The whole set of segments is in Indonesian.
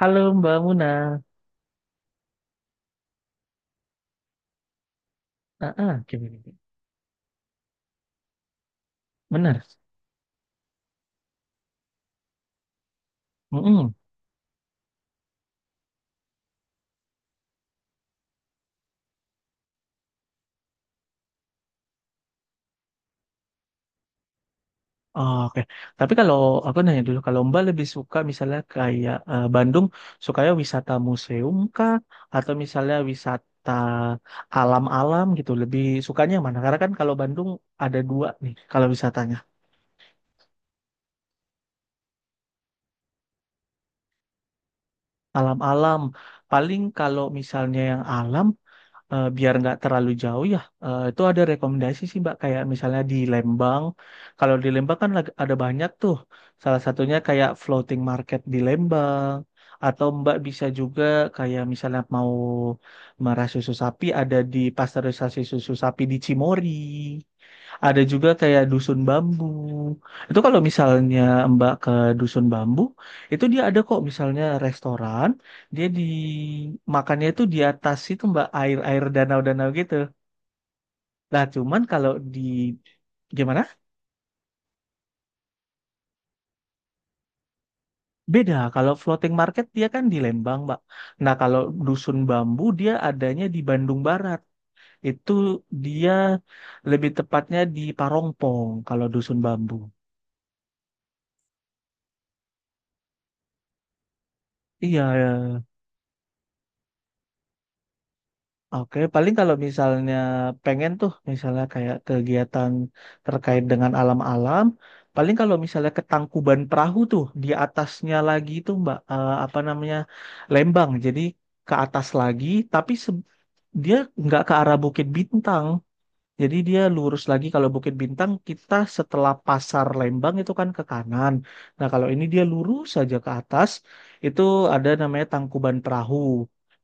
Halo Mbak Muna. Gimana, gimana. Benar. Mm-mm. Oh, Oke. Tapi kalau aku nanya dulu, kalau Mbak lebih suka misalnya kayak Bandung, sukanya wisata museum kah? Atau misalnya wisata alam-alam gitu? Lebih sukanya yang mana? Karena kan kalau Bandung ada dua nih, kalau wisatanya. Alam-alam. Paling kalau misalnya yang alam, biar nggak terlalu jauh ya itu ada rekomendasi sih Mbak kayak misalnya di Lembang, kalau di Lembang kan ada banyak tuh, salah satunya kayak floating market di Lembang atau Mbak bisa juga kayak misalnya mau merah susu sapi, ada di pasteurisasi susu sapi di Cimory, ada juga kayak dusun bambu. Itu kalau misalnya Mbak ke dusun bambu, itu dia ada kok misalnya restoran, dia di makannya itu di atas itu Mbak, air-air danau-danau gitu. Nah, cuman kalau di gimana? Beda. Kalau floating market dia kan di Lembang, Mbak. Nah, kalau dusun bambu dia adanya di Bandung Barat. Itu dia lebih tepatnya di Parongpong kalau dusun bambu. Iya. Oke, paling kalau misalnya pengen tuh, misalnya kayak kegiatan terkait dengan alam-alam, paling kalau misalnya ke Tangkuban Perahu tuh, di atasnya lagi tuh Mbak, apa namanya, Lembang. Jadi ke atas lagi, tapi dia nggak ke arah Bukit Bintang. Jadi dia lurus lagi, kalau Bukit Bintang kita setelah Pasar Lembang itu kan ke kanan. Nah, kalau ini dia lurus saja ke atas, itu ada namanya Tangkuban Perahu.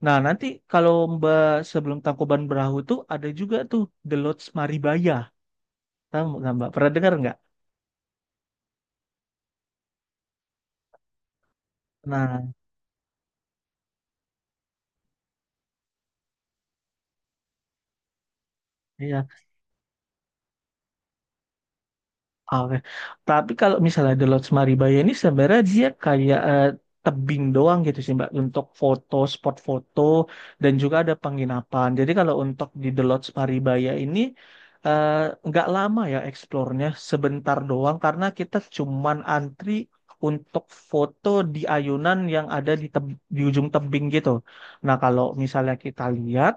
Nah, nanti kalau Mbak sebelum Tangkuban Perahu tuh ada juga tuh The Lodge Maribaya. Tahu nggak Mbak? Pernah dengar nggak? Nah, iya. Oke. Tapi kalau misalnya The Lodge Maribaya ini sebenarnya dia kayak tebing doang gitu sih Mbak untuk foto, spot foto dan juga ada penginapan. Jadi kalau untuk di The Lodge Maribaya ini eh, nggak lama ya, eksplornya sebentar doang karena kita cuman antri untuk foto di ayunan yang ada di, di ujung tebing gitu. Nah kalau misalnya kita lihat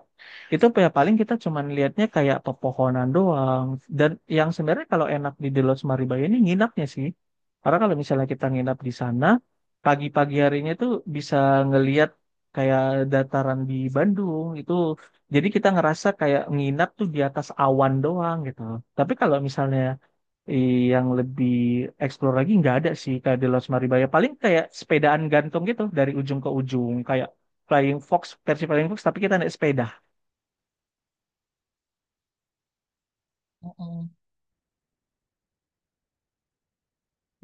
itu ya paling kita cuman lihatnya kayak pepohonan doang. Dan yang sebenarnya kalau enak di The Lodge Maribaya ini nginapnya sih. Karena kalau misalnya kita nginap di sana, pagi-pagi harinya tuh bisa ngeliat kayak dataran di Bandung itu. Jadi kita ngerasa kayak nginap tuh di atas awan doang gitu. Tapi kalau misalnya yang lebih explore lagi nggak ada sih kayak The Lodge Maribaya. Paling kayak sepedaan gantung gitu dari ujung ke ujung kayak Flying Fox, versi Flying Fox tapi kita naik sepeda.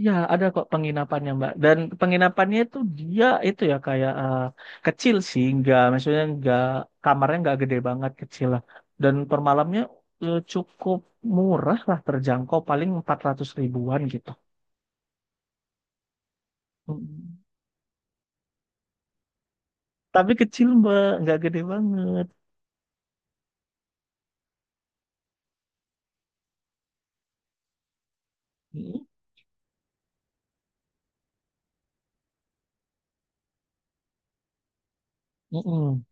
Ya ada kok penginapannya, Mbak. Dan penginapannya itu dia itu ya kayak kecil sih, nggak maksudnya nggak kamarnya nggak gede banget, kecil lah. Dan per malamnya cukup murah lah, terjangkau paling 400 ribuan gitu. Mm-mm. Tapi kecil, Mbak, nggak gede banget. Mm-mm. Mm-mm.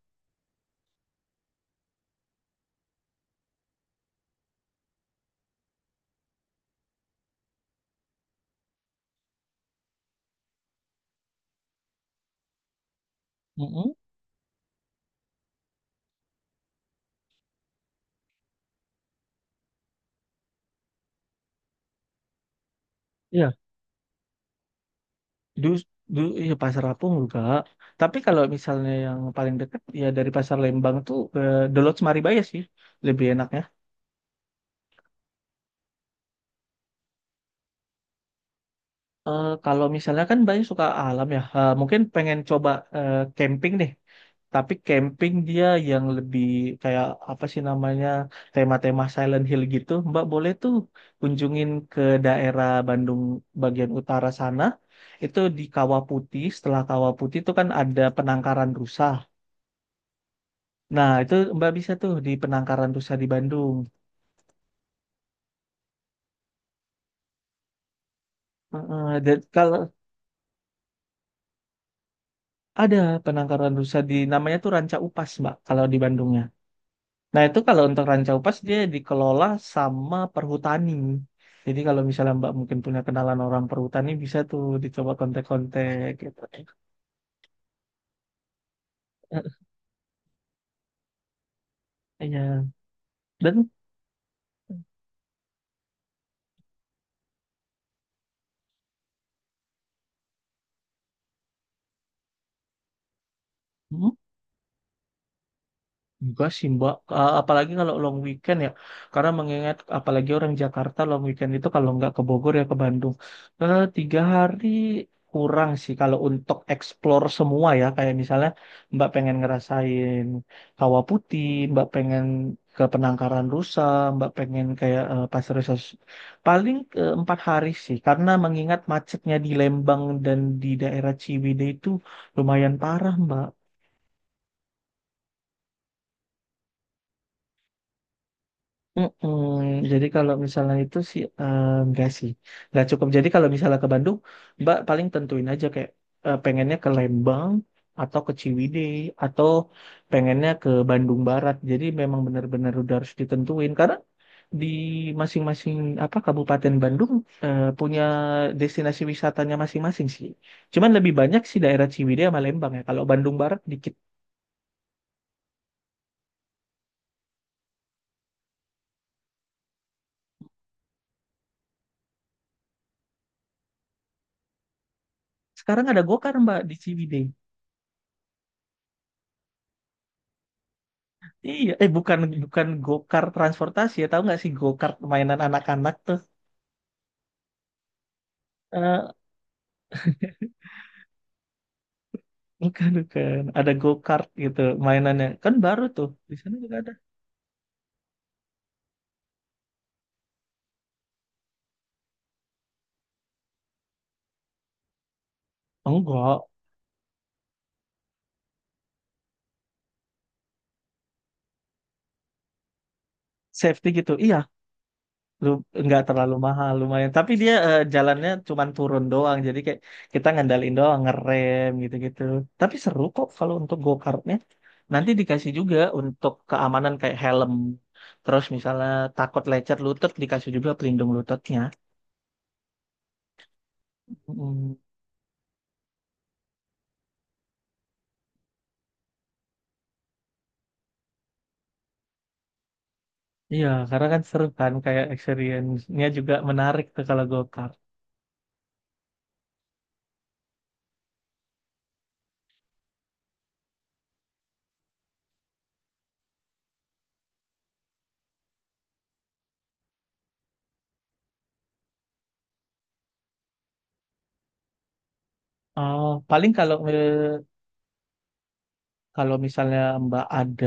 Mm-mm. Iya, du- iya, Pasar Apung juga. Tapi kalau misalnya yang paling dekat ya dari Pasar Lembang tuh ke The Lodge Maribaya sih, lebih enaknya. Kalau misalnya kan banyak suka alam ya, mungkin pengen coba camping deh. Tapi camping dia yang lebih kayak apa sih namanya, tema-tema Silent Hill gitu. Mbak boleh tuh kunjungin ke daerah Bandung bagian utara sana. Itu di Kawah Putih. Setelah Kawah Putih itu kan ada penangkaran rusa. Nah itu Mbak bisa tuh di penangkaran rusa di Bandung. Dan kalau ada penangkaran rusa di namanya tuh Ranca Upas Mbak kalau di Bandungnya. Nah, itu kalau untuk Rancau Pas dia dikelola sama perhutani. Jadi kalau misalnya Mbak mungkin punya kenalan orang perhutani bisa tuh dicoba kontak-kontak gitu. Iya. Dan mm, enggak sih Mbak, apalagi kalau long weekend ya, karena mengingat apalagi orang Jakarta long weekend itu kalau nggak ke Bogor ya ke Bandung. 3 hari kurang sih kalau untuk explore semua ya, kayak misalnya Mbak pengen ngerasain Kawah Putih, Mbak pengen ke Penangkaran Rusa, Mbak pengen kayak Pasir Sos. Paling 4 hari sih, karena mengingat macetnya di Lembang dan di daerah Ciwidey itu lumayan parah Mbak. Mm-mm. Jadi kalau misalnya itu sih enggak sih, nggak cukup. Jadi kalau misalnya ke Bandung, Mbak paling tentuin aja kayak pengennya ke Lembang atau ke Ciwidey atau pengennya ke Bandung Barat. Jadi memang benar-benar udah harus ditentuin karena di masing-masing apa Kabupaten Bandung punya destinasi wisatanya masing-masing sih. Cuman lebih banyak sih daerah Ciwidey sama Lembang ya. Kalau Bandung Barat dikit. Sekarang ada Gokar Mbak di Ciwidey. Iya, eh bukan bukan go-kart transportasi ya, tahu nggak sih go-kart mainan anak-anak tuh? Eh bukan bukan, ada go-kart gitu mainannya, kan baru tuh di sana juga ada. Enggak, safety gitu, iya, lu nggak terlalu mahal lumayan, tapi dia jalannya cuman turun doang, jadi kayak kita ngandalin doang ngerem gitu-gitu. Tapi seru kok kalau untuk go-kartnya. Nanti dikasih juga untuk keamanan kayak helm, terus misalnya takut lecet lutut dikasih juga pelindung lututnya. Mm. Iya, karena kan seru kan kayak experience-nya juga menarik tuh kalau go-kart. Oh, paling kalau kalau misalnya Mbak ada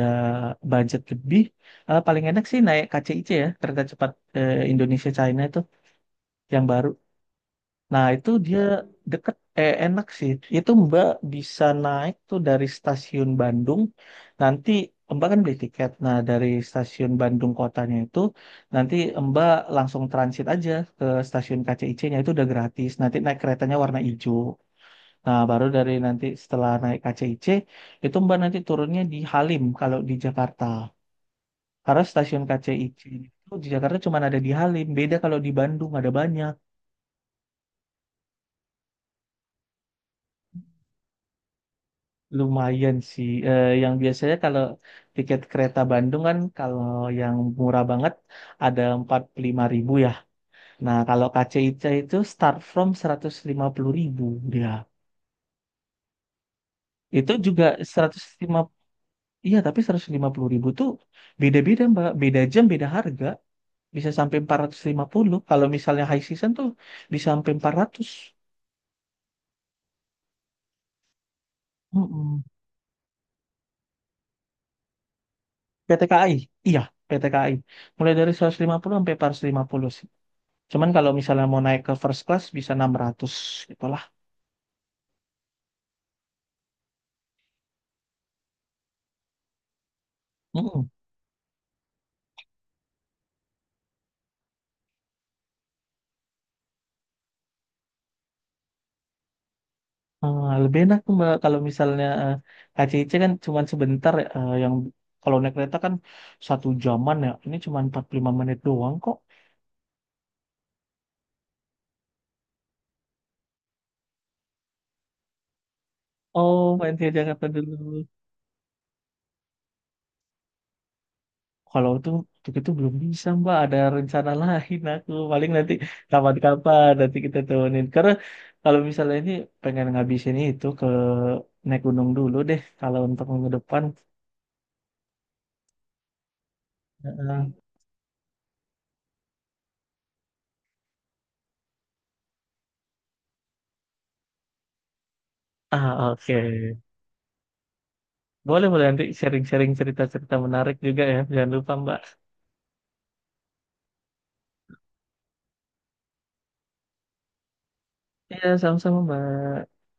budget lebih, paling enak sih naik KCI-C ya, kereta cepat Indonesia China itu yang baru. Nah, itu dia deket, enak sih. Itu Mbak bisa naik tuh dari stasiun Bandung. Nanti Mbak kan beli tiket. Nah, dari stasiun Bandung kotanya itu, nanti Mbak langsung transit aja ke stasiun KCIC-nya. Itu udah gratis. Nanti naik keretanya warna hijau. Nah, baru dari nanti setelah naik KCIC, itu Mbak nanti turunnya di Halim kalau di Jakarta. Karena stasiun KCIC itu di Jakarta cuma ada di Halim. Beda kalau di Bandung ada banyak. Lumayan sih. Eh, yang biasanya kalau tiket kereta Bandung kan kalau yang murah banget ada 45 ribu ya. Nah kalau KCIC itu start from 150 ribu dia. Itu juga 150, iya tapi 150 ribu tuh beda-beda Mbak. Beda jam, beda harga. Bisa sampai 450. Kalau misalnya high season tuh bisa sampai 400. Mm-mm. PT KAI, iya PT KAI. Mulai dari 150 sampai 450. Cuman kalau misalnya mau naik ke first class bisa 600 gitulah. Mm-mm. Eh, lebih enak tuh Mbak kalau misalnya KCIC kan cuman sebentar ya, yang kalau naik kereta kan satu jaman ya. Ini cuman 45 menit doang kok. Oh, main ke Jakarta dulu. Kalau itu untuk itu belum bisa Mbak, ada rencana lain aku. Paling nanti kapan-kapan nanti kita temenin. Karena kalau misalnya ini pengen ngabisin itu ke naik gunung dulu deh kalau untuk minggu depan. Heeh. Ah, oke. Boleh, boleh nanti sharing-sharing cerita-cerita menarik juga ya. Jangan lupa, Mbak. Iya, sama-sama, Mbak.